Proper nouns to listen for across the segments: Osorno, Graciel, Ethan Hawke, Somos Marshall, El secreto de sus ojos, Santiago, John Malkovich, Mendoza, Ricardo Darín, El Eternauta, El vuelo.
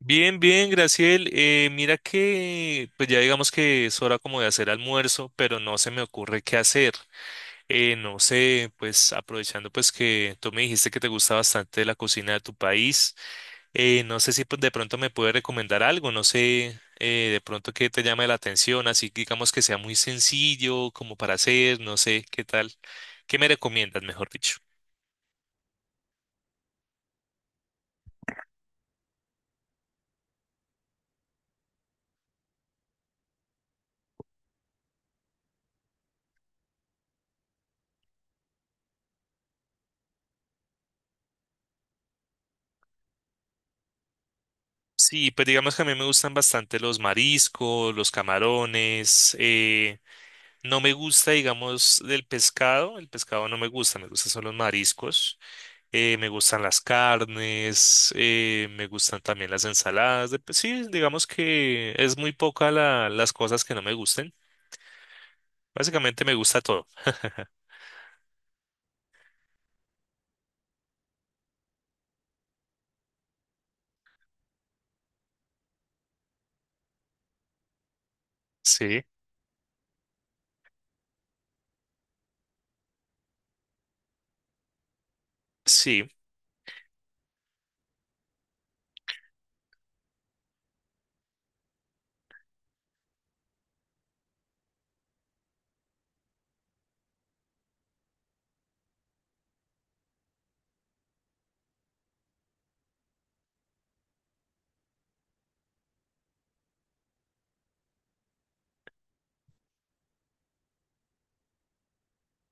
Bien, bien, Graciel. Mira que, pues ya digamos que es hora como de hacer almuerzo, pero no se me ocurre qué hacer. No sé, pues aprovechando pues que tú me dijiste que te gusta bastante la cocina de tu país, no sé si pues, de pronto me puedes recomendar algo, no sé, de pronto que te llame la atención, así que digamos que sea muy sencillo como para hacer, no sé, qué tal, qué me recomiendas, mejor dicho. Sí, pues digamos que a mí me gustan bastante los mariscos, los camarones. No me gusta, digamos, del pescado. El pescado no me gusta, me gustan son los mariscos. Me gustan las carnes, me gustan también las ensaladas. Pues sí, digamos que es muy poca las cosas que no me gusten. Básicamente me gusta todo. Sí, sí.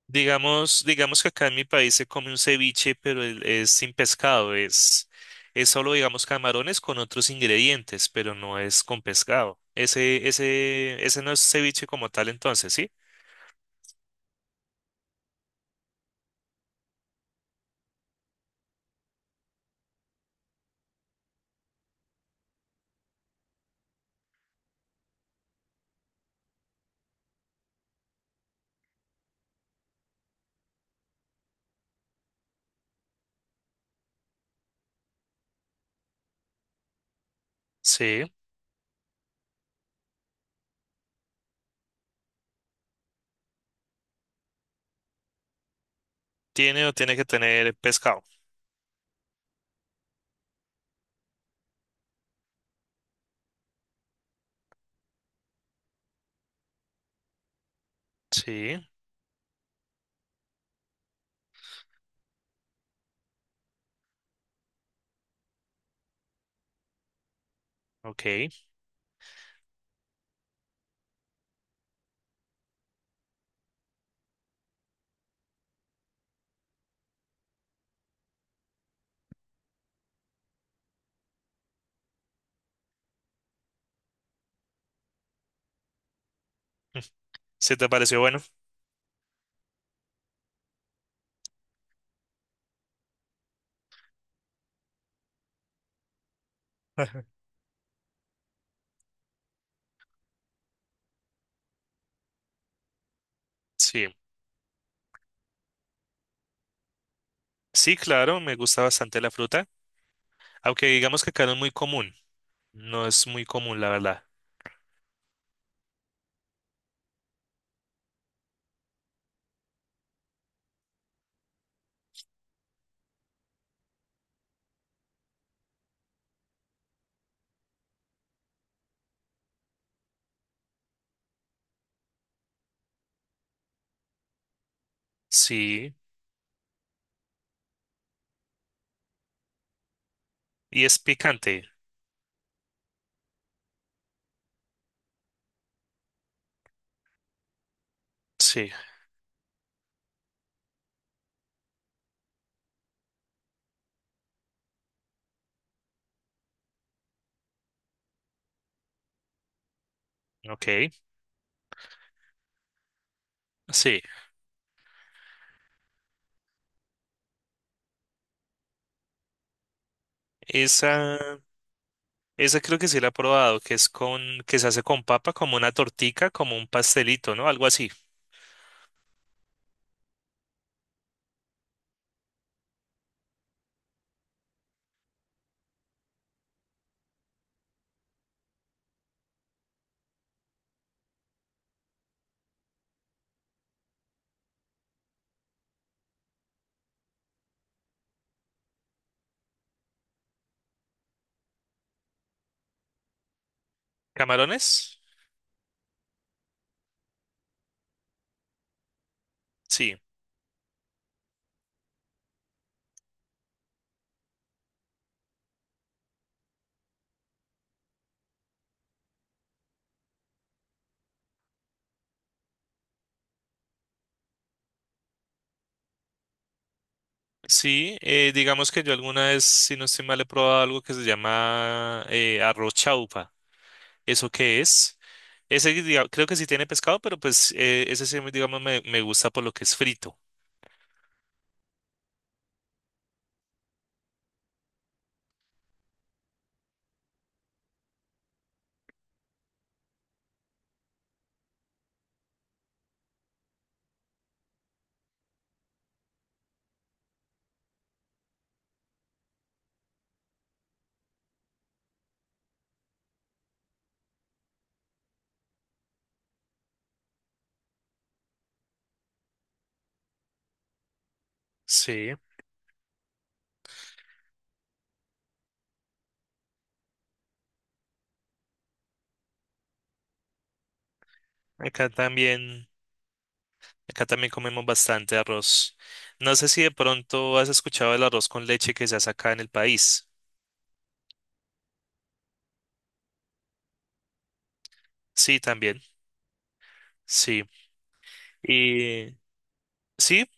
Digamos, digamos que acá en mi país se come un ceviche, pero es sin pescado. Es solo, digamos, camarones con otros ingredientes, pero no es con pescado. Ese no es ceviche como tal, entonces, ¿sí? Sí, tiene o tiene que tener pescado. Sí, ok. Mm, ¿se te pareció bueno? Sí. Sí, claro, me gusta bastante la fruta, aunque digamos que acá no es muy común. No es muy común, la verdad. Sí, y es picante. Sí, ok. Sí, esa, esa creo que sí la he probado, que es con, que se hace con papa, como una tortica, como un pastelito, ¿no? Algo así. ¿Camarones? Sí. Sí, digamos que yo alguna vez, si no estoy mal, he probado algo que se llama arroz chaupa. ¿Eso qué es? Creo que sí tiene pescado, pero pues ese sí, digamos, me gusta por lo que es frito. Sí, acá también. Acá también comemos bastante arroz. No sé si de pronto has escuchado el arroz con leche que se hace acá en el país. Sí, también. Sí. Y sí,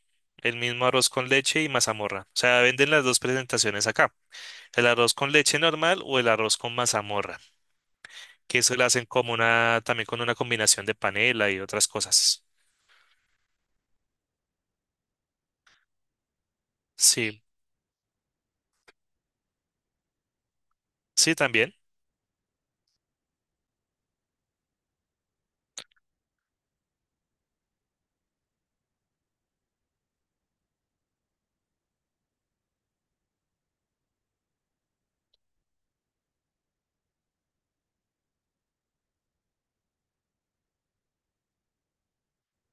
el mismo arroz con leche y mazamorra. O sea, venden las dos presentaciones acá. El arroz con leche normal o el arroz con mazamorra. Que eso lo hacen como una, también con una combinación de panela y otras cosas. Sí, sí, también.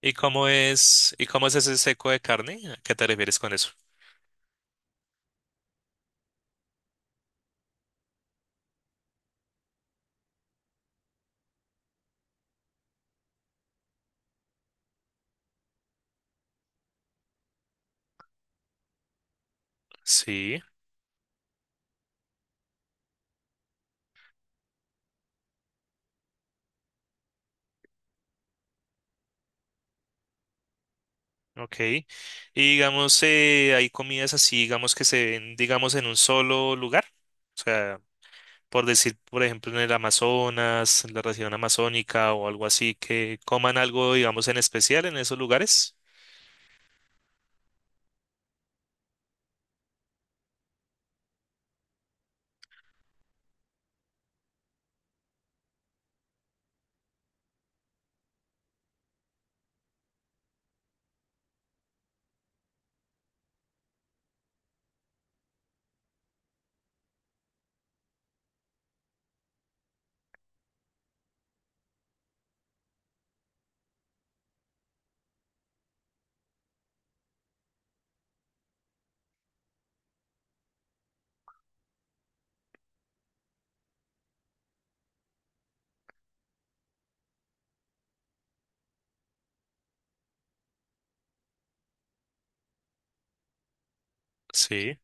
Y cómo es ese seco de carne? ¿A qué te refieres con eso? Sí. Ok. Y digamos, hay comidas así, digamos, que se ven, digamos, en un solo lugar. O sea, por decir, por ejemplo, en el Amazonas, en la región amazónica o algo así, que coman algo, digamos, en especial en esos lugares. Sí.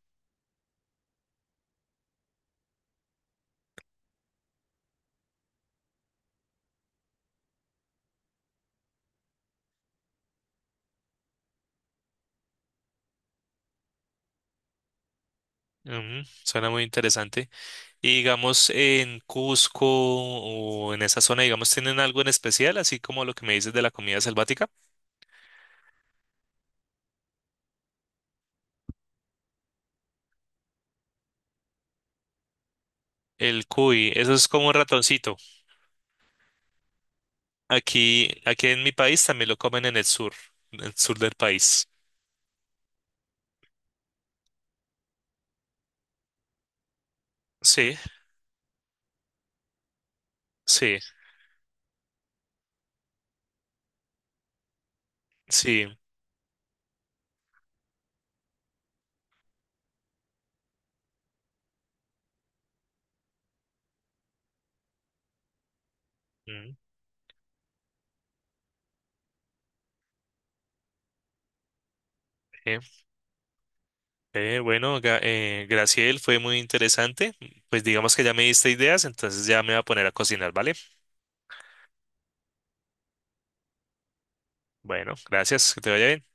Ujú, suena muy interesante. Y digamos, en Cusco o en esa zona, digamos, ¿tienen algo en especial, así como lo que me dices de la comida selvática? El cuy, eso es como un ratoncito. Aquí, aquí en mi país también lo comen en el sur del país. Sí, sí, sí. Mm, eh, bueno, Graciel, fue muy interesante. Pues digamos que ya me diste ideas, entonces ya me voy a poner a cocinar, ¿vale? Bueno, gracias, que te vaya bien.